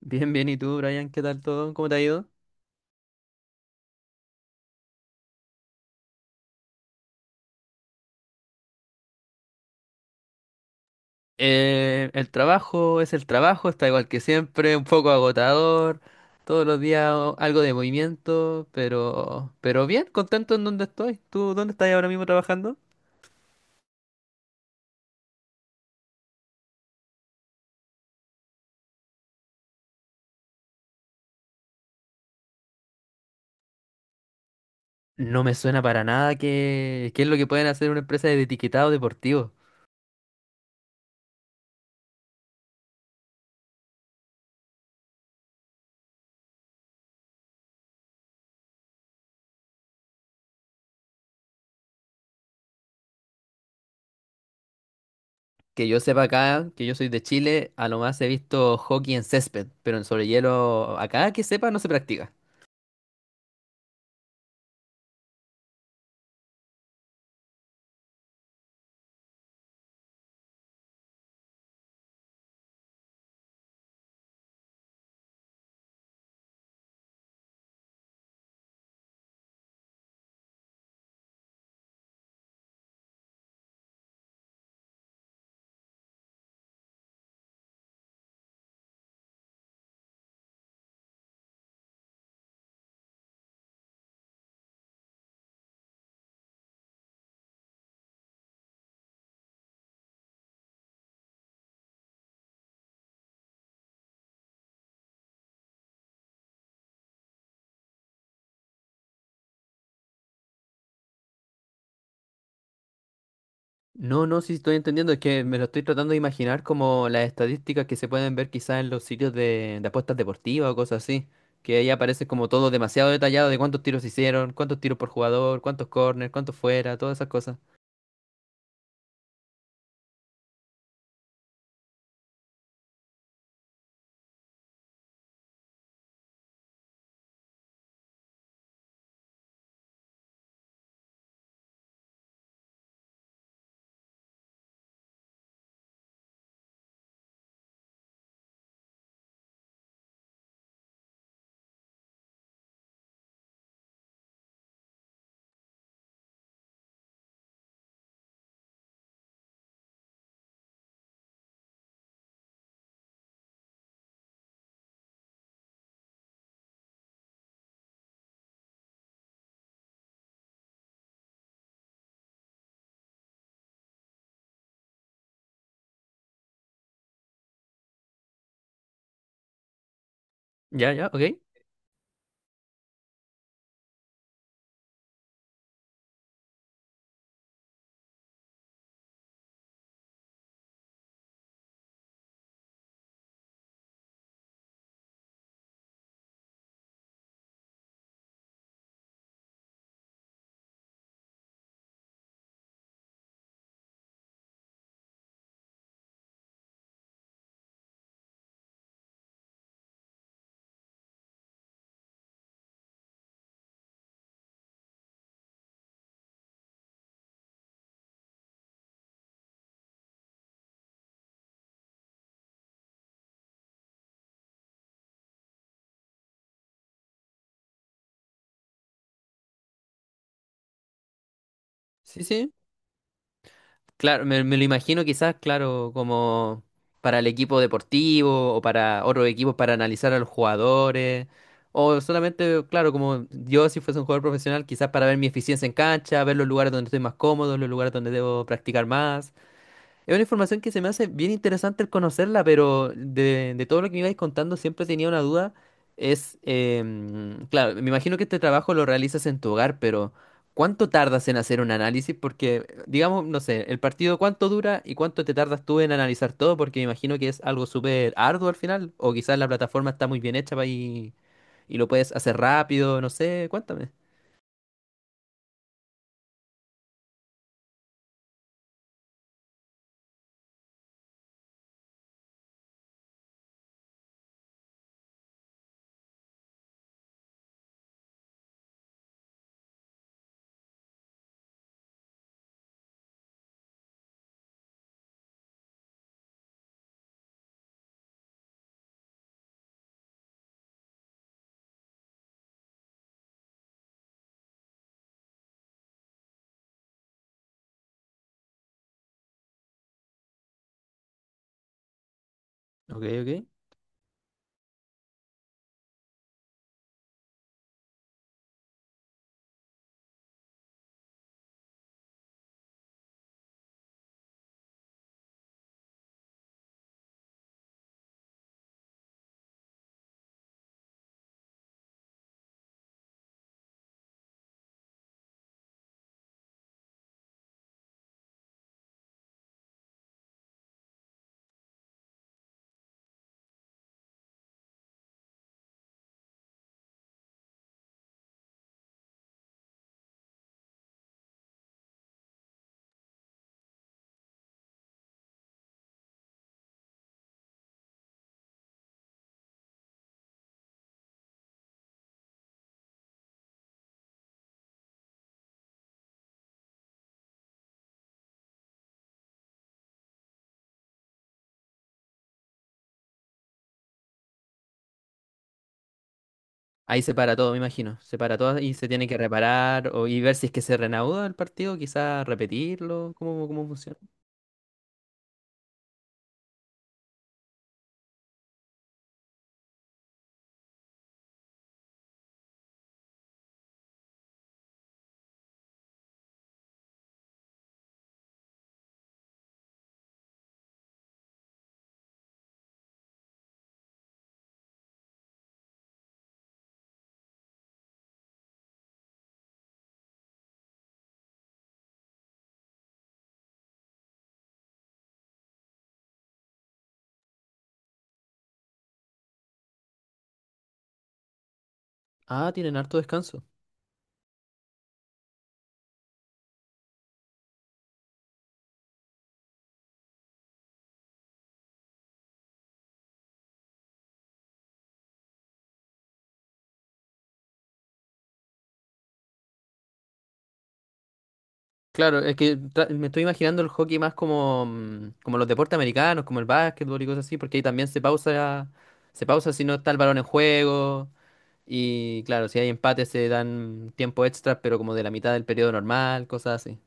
Bien, bien, ¿y tú, Brian? ¿Qué tal todo? ¿Cómo te ha ido? El trabajo es el trabajo, está igual que siempre, un poco agotador, todos los días algo de movimiento, pero bien, contento en donde estoy. ¿Tú dónde estás ahora mismo trabajando? No me suena para nada que, qué es lo que pueden hacer una empresa de etiquetado deportivo. Que yo sepa acá, que yo soy de Chile, a lo más he visto hockey en césped, pero en sobre hielo acá que sepa no se practica. No, no, sí estoy entendiendo, es que me lo estoy tratando de imaginar como las estadísticas que se pueden ver quizás en los sitios de apuestas deportivas o cosas así, que ahí aparece como todo demasiado detallado de cuántos tiros hicieron, cuántos tiros por jugador, cuántos corners, cuántos fuera, todas esas cosas. Ya, ya, ok. Sí, sí, claro, me lo imagino quizás, claro, como para el equipo deportivo o para otros equipos para analizar a los jugadores. O solamente, claro, como yo si fuese un jugador profesional, quizás para ver mi eficiencia en cancha, ver los lugares donde estoy más cómodo, los lugares donde debo practicar más. Es una información que se me hace bien interesante el conocerla, pero de todo lo que me ibais contando siempre tenía una duda. Es, claro, me imagino que este trabajo lo realizas en tu hogar, pero ¿cuánto tardas en hacer un análisis? Porque, digamos, no sé, el partido cuánto dura y cuánto te tardas tú en analizar todo, porque me imagino que es algo súper arduo al final, o quizás la plataforma está muy bien hecha y lo puedes hacer rápido, no sé, cuéntame. Ok, ok. Ahí se para todo, me imagino. Se para todo y se tiene que reparar o, y ver si es que se reanuda el partido, quizás repetirlo, cómo, cómo funciona. Ah, tienen harto descanso. Claro, es que me estoy imaginando el hockey más como, como los deportes americanos, como el básquetbol y cosas así, porque ahí también se pausa si no está el balón en juego. Y claro, si hay empate se dan tiempo extra, pero como de la mitad del periodo normal, cosas así.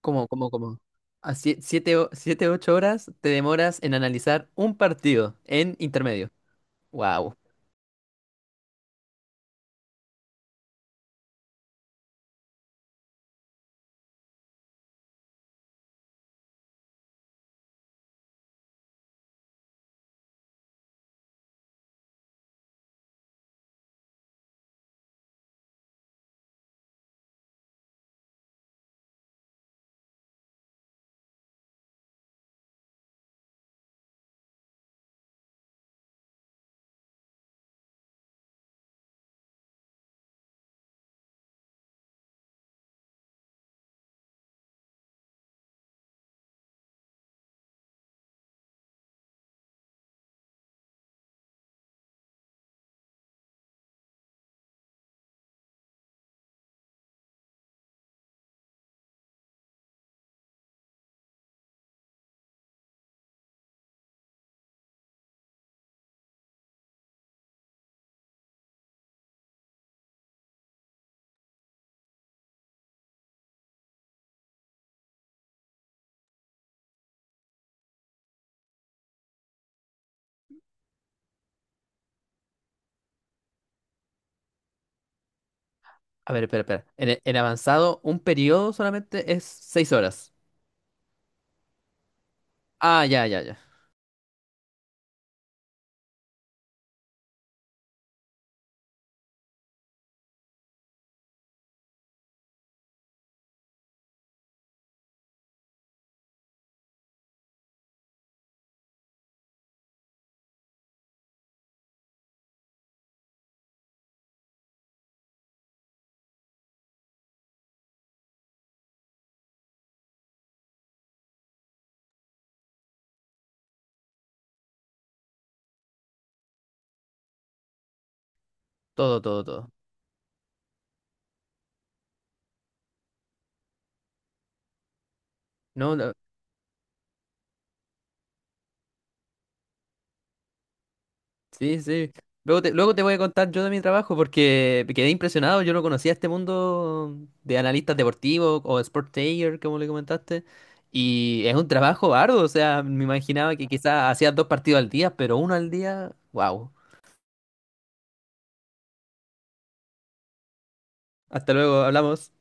¿Cómo cómo cómo? A siete siete o 7-8 horas te demoras en analizar un partido en intermedio. Wow. A ver, espera, espera. En, en avanzado, un periodo solamente es 6 horas. Ah, ya, ya, ya. Todo, todo, todo. No, no. Sí, sí. Luego te voy a contar yo de mi trabajo porque me quedé impresionado. Yo no conocía este mundo de analistas deportivos o sportager, como le comentaste. Y es un trabajo arduo. O sea, me imaginaba que quizás hacías dos partidos al día, pero uno al día. Wow. Hasta luego, hablamos.